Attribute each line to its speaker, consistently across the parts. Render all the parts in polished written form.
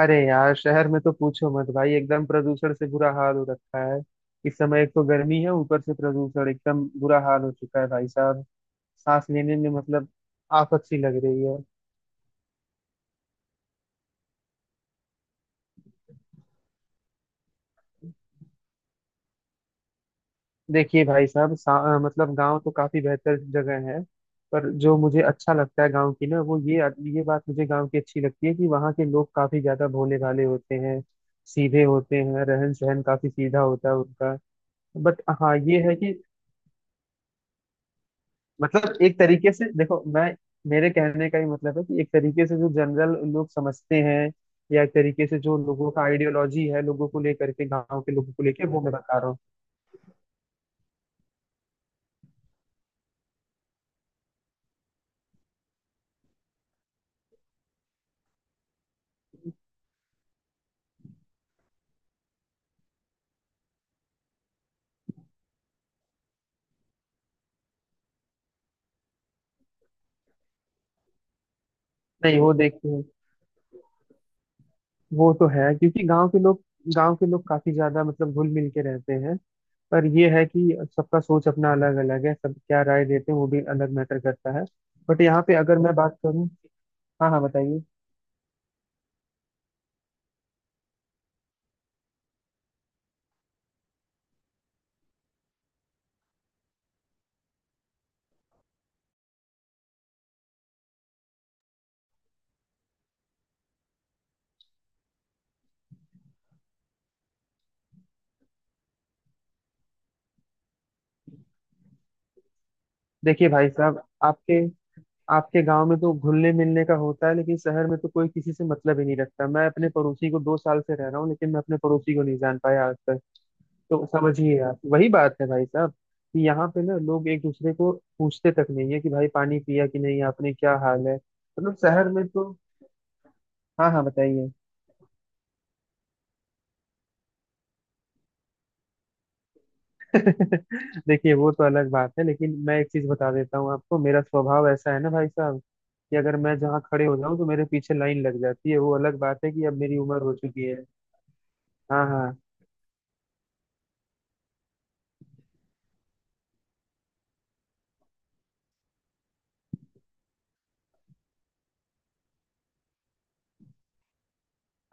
Speaker 1: अरे यार, शहर में तो पूछो मत भाई। एकदम प्रदूषण से बुरा हाल हो रखा है। इस समय एक तो गर्मी है, ऊपर से प्रदूषण एकदम बुरा हाल हो चुका है भाई साहब। सांस लेने में मतलब आफत सी लग रही है। देखिए भाई साहब, मतलब गांव तो काफी बेहतर जगह है। पर जो मुझे अच्छा लगता है गांव की ना वो ये बात मुझे गांव की अच्छी लगती है कि वहाँ के लोग काफी ज्यादा भोले भाले होते हैं। सीधे होते हैं, रहन सहन काफी सीधा होता है उनका। बट हाँ, ये है कि मतलब एक तरीके से देखो मैं। मेरे कहने का ही मतलब है कि एक तरीके से जो जनरल लोग समझते हैं, या एक तरीके से जो लोगों का आइडियोलॉजी है लोगों को लेकर के, गांव के लोगों को लेकर, वो मैं बता रहा हूँ। नहीं, वो देखते हैं। वो तो है क्योंकि गांव के लोग काफी ज्यादा मतलब घुल मिल के रहते हैं। पर ये है कि सबका सोच अपना अलग अलग है, सब क्या राय देते हैं वो भी अलग मैटर करता है। बट यहाँ पे अगर मैं बात करूँ। हाँ हाँ, बताइए। देखिए भाई साहब, आपके आपके गांव में तो घुलने मिलने का होता है, लेकिन शहर में तो कोई किसी से मतलब ही नहीं रखता। मैं अपने पड़ोसी को 2 साल से रह रहा हूँ, लेकिन मैं अपने पड़ोसी को नहीं जान पाया आज तक। तो समझिए आप, वही बात है भाई साहब कि यहाँ पे ना लोग एक दूसरे को पूछते तक नहीं है कि भाई पानी पिया कि नहीं आपने, क्या हाल है, मतलब शहर में तो। हाँ हाँ, बताइए। देखिए, वो तो अलग बात है, लेकिन मैं एक चीज बता देता हूँ आपको। मेरा स्वभाव ऐसा है ना भाई साहब, कि अगर मैं जहाँ खड़े हो जाऊँ तो मेरे पीछे लाइन लग जाती है। वो अलग बात है कि अब मेरी उम्र हो चुकी है। हाँ हाँ।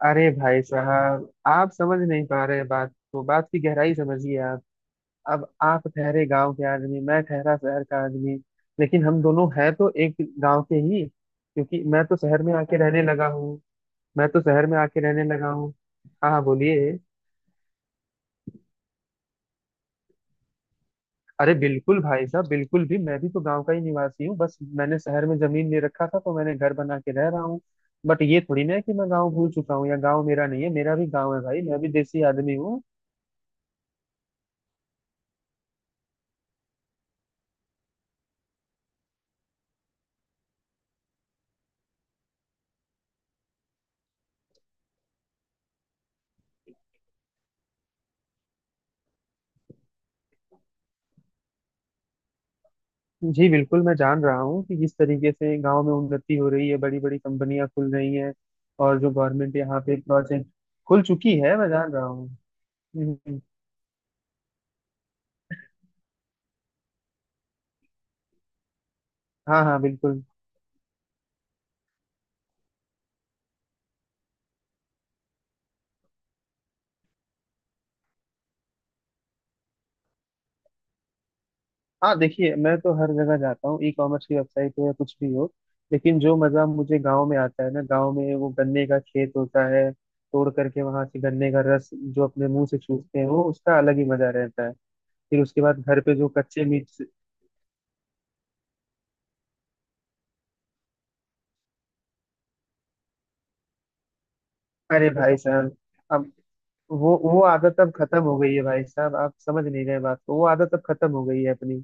Speaker 1: अरे भाई साहब, आप समझ नहीं पा रहे बात को। बात की गहराई समझिए आप। अब आप ठहरे गांव के आदमी, मैं ठहरा शहर का आदमी, लेकिन हम दोनों हैं तो एक गांव के ही, क्योंकि मैं तो शहर में आके रहने लगा हूँ। मैं तो शहर में आके रहने लगा हूँ। हाँ हाँ, बोलिए। अरे बिल्कुल भाई साहब, बिल्कुल भी। मैं भी तो गांव का ही निवासी हूँ, बस मैंने शहर में जमीन ले रखा था तो मैंने घर बना के रह रहा हूँ। बट ये थोड़ी ना है कि मैं गांव भूल चुका हूँ या गांव मेरा नहीं है। मेरा भी गांव है भाई, मैं भी देसी आदमी हूँ। जी बिल्कुल, मैं जान रहा हूँ कि किस तरीके से गांव में उन्नति हो रही है, बड़ी बड़ी कंपनियां खुल रही हैं, और जो गवर्नमेंट यहाँ पे प्रोजेक्ट खुल चुकी है, मैं जान रहा हूँ। हम्म। हाँ हाँ, बिल्कुल। हाँ, देखिए मैं तो हर जगह जाता हूँ, ई कॉमर्स की वेबसाइट हो या कुछ भी हो। लेकिन जो मजा मुझे गांव में आता है ना, गांव में वो गन्ने का खेत होता है, तोड़ करके वहां से गन्ने का रस जो अपने मुंह से चूसते हैं, वो उसका अलग ही मजा रहता है। फिर उसके बाद घर पे जो कच्चे मिर्च। अरे भाई साहब, अब वो आदत अब खत्म हो गई है भाई साहब, आप समझ नहीं रहे बात को। वो आदत अब खत्म हो गई है अपनी।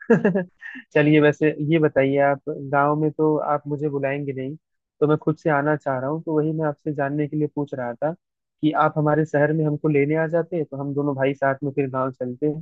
Speaker 1: चलिए वैसे ये बताइए, आप गांव में तो आप मुझे बुलाएंगे नहीं, तो मैं खुद से आना चाह रहा हूँ। तो वही मैं आपसे जानने के लिए पूछ रहा था कि आप हमारे शहर में हमको लेने आ जाते तो हम दोनों भाई साथ में फिर गांव चलते।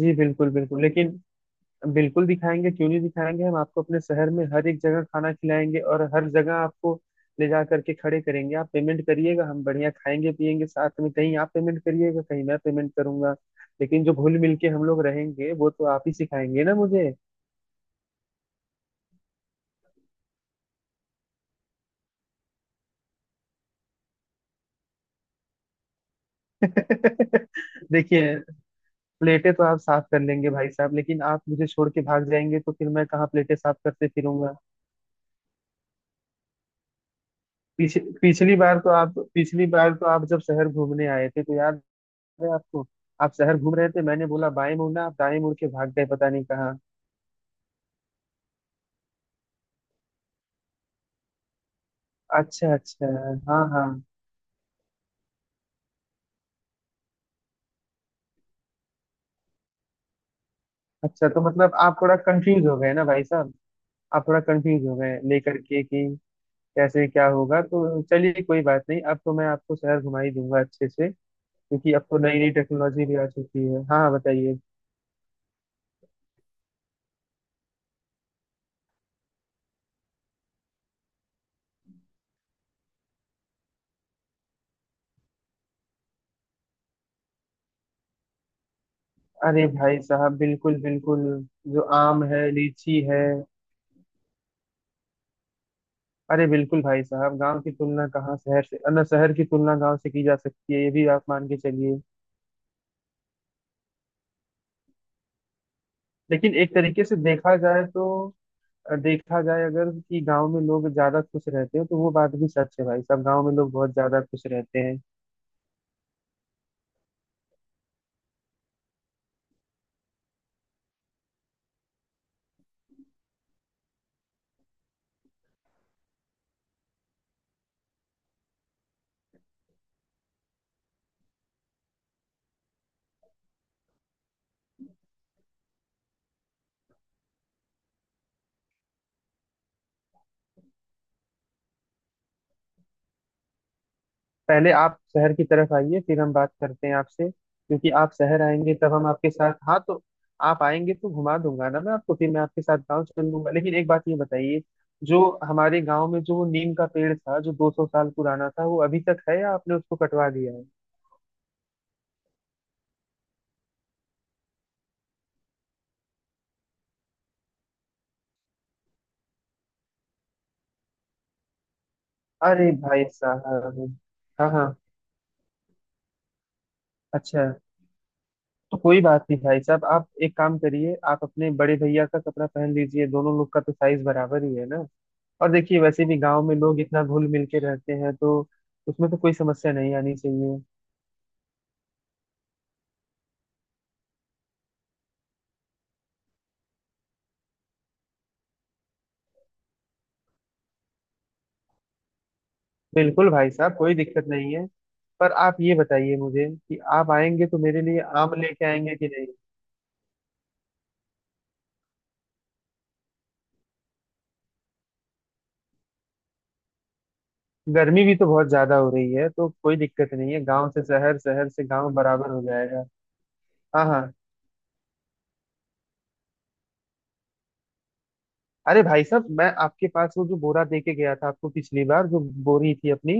Speaker 1: जी बिल्कुल बिल्कुल, लेकिन बिल्कुल दिखाएंगे, क्यों नहीं दिखाएंगे। हम आपको अपने शहर में हर एक जगह खाना खिलाएंगे और हर जगह आपको ले जा करके खड़े करेंगे। आप पेमेंट करिएगा, हम बढ़िया खाएंगे पिएंगे साथ में। कहीं आप पेमेंट करिएगा, कहीं मैं पेमेंट करूंगा, लेकिन जो घुल मिल के हम लोग रहेंगे वो तो आप ही सिखाएंगे ना मुझे। देखिए, प्लेटें तो आप साफ कर लेंगे भाई साहब, लेकिन आप मुझे छोड़ के भाग जाएंगे तो फिर मैं कहाँ प्लेटें साफ करते फिरूंगा। पिछली बार तो आप जब शहर घूमने आए थे तो याद। अरे आपको। आप शहर घूम रहे थे, मैंने बोला बाएं मुड़ना, आप दाएं मुड़ के भाग गए पता नहीं कहाँ। अच्छा अच्छा। हाँ हाँ। अच्छा, तो मतलब आप थोड़ा कंफ्यूज हो गए ना भाई साहब, आप थोड़ा कंफ्यूज हो गए लेकर के कि कैसे क्या होगा। तो चलिए कोई बात नहीं, अब तो मैं आपको शहर घुमा ही दूंगा अच्छे से, क्योंकि अब तो नई नई टेक्नोलॉजी भी आ चुकी है। हाँ, बताइए। अरे भाई साहब, बिल्कुल बिल्कुल। जो आम है, लीची है। अरे बिल्कुल भाई साहब, गांव की तुलना कहाँ शहर से, ना शहर की तुलना गांव से की जा सकती है, ये भी आप मान के चलिए। लेकिन एक तरीके से देखा जाए तो देखा जाए अगर कि गांव में लोग ज्यादा खुश रहते हैं, तो वो बात भी सच है भाई साहब, गांव में लोग बहुत ज्यादा खुश रहते हैं। पहले आप शहर की तरफ आइए, फिर हम बात करते हैं आपसे, क्योंकि आप शहर आएंगे तब हम आपके साथ हाँ तो। आप आएंगे तो घुमा दूंगा ना मैं आपको, फिर मैं आपके साथ गाँव चल लूंगा। लेकिन एक बात ये बताइए, जो हमारे गाँव में जो वो नीम का पेड़ था जो 200 साल पुराना था, वो अभी तक है या आपने उसको कटवा दिया है। अरे भाई साहब। हाँ हाँ। अच्छा। तो कोई बात नहीं भाई साहब, आप एक काम करिए, आप अपने बड़े भैया का कपड़ा पहन लीजिए, दोनों लोग का तो साइज बराबर ही है ना। और देखिए वैसे भी गांव में लोग इतना घुल मिल के रहते हैं, तो उसमें तो कोई समस्या नहीं आनी चाहिए। बिल्कुल भाई साहब, कोई दिक्कत नहीं है। पर आप ये बताइए मुझे कि आप आएंगे तो मेरे लिए आम लेके आएंगे कि नहीं। गर्मी भी तो बहुत ज्यादा हो रही है, तो कोई दिक्कत नहीं है, गांव से शहर, शहर से गांव बराबर हो जाएगा। हाँ हाँ। अरे भाई साहब, मैं आपके पास वो जो बोरा दे के गया था आपको पिछली बार, जो बोरी थी अपनी,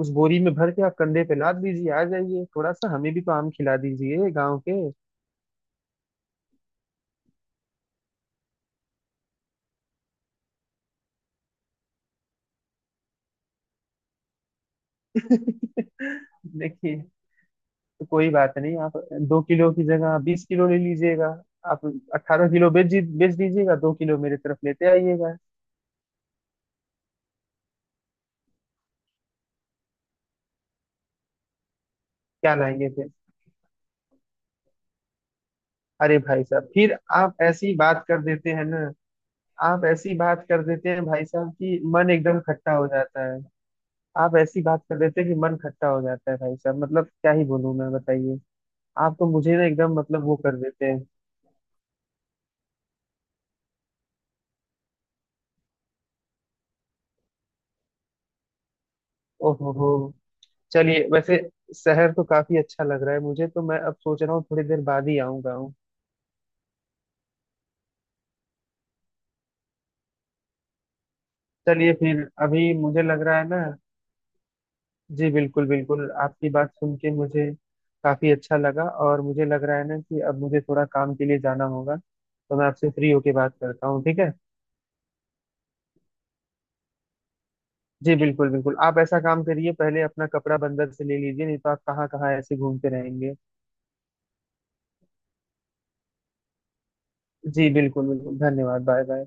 Speaker 1: उस बोरी में भर के आप कंधे पे लाद दीजिए, आ जाइए। थोड़ा सा हमें भी तो आम खिला दीजिए गांव के। देखिए, तो कोई बात नहीं, आप 2 किलो की जगह आप 20 किलो ले लीजिएगा। आप 18 किलो बेच दीजिएगा, 2 किलो मेरे तरफ लेते आइएगा। क्या लाएंगे फिर। अरे भाई साहब, फिर आप ऐसी बात कर देते हैं ना। आप ऐसी बात कर देते हैं भाई साहब, कि मन एकदम खट्टा हो जाता। आप ऐसी बात कर देते हैं कि मन खट्टा हो जाता है भाई साहब, मतलब क्या ही बोलूं मैं, बताइए। आप तो मुझे ना एकदम मतलब वो कर देते हैं। ओहो हो। चलिए वैसे, शहर तो काफी अच्छा लग रहा है मुझे तो, मैं अब सोच रहा हूँ थोड़ी देर बाद ही आऊंगा हूँ। चलिए फिर अभी मुझे लग रहा है ना। जी बिल्कुल बिल्कुल, आपकी बात सुन के मुझे काफी अच्छा लगा, और मुझे लग रहा है ना कि अब मुझे थोड़ा काम के लिए जाना होगा, तो मैं आपसे फ्री होके बात करता हूँ, ठीक है। जी बिल्कुल बिल्कुल, आप ऐसा काम करिए, पहले अपना कपड़ा बंदर से ले लीजिए, नहीं तो आप कहाँ कहाँ ऐसे घूमते रहेंगे। जी बिल्कुल बिल्कुल, धन्यवाद, बाय बाय।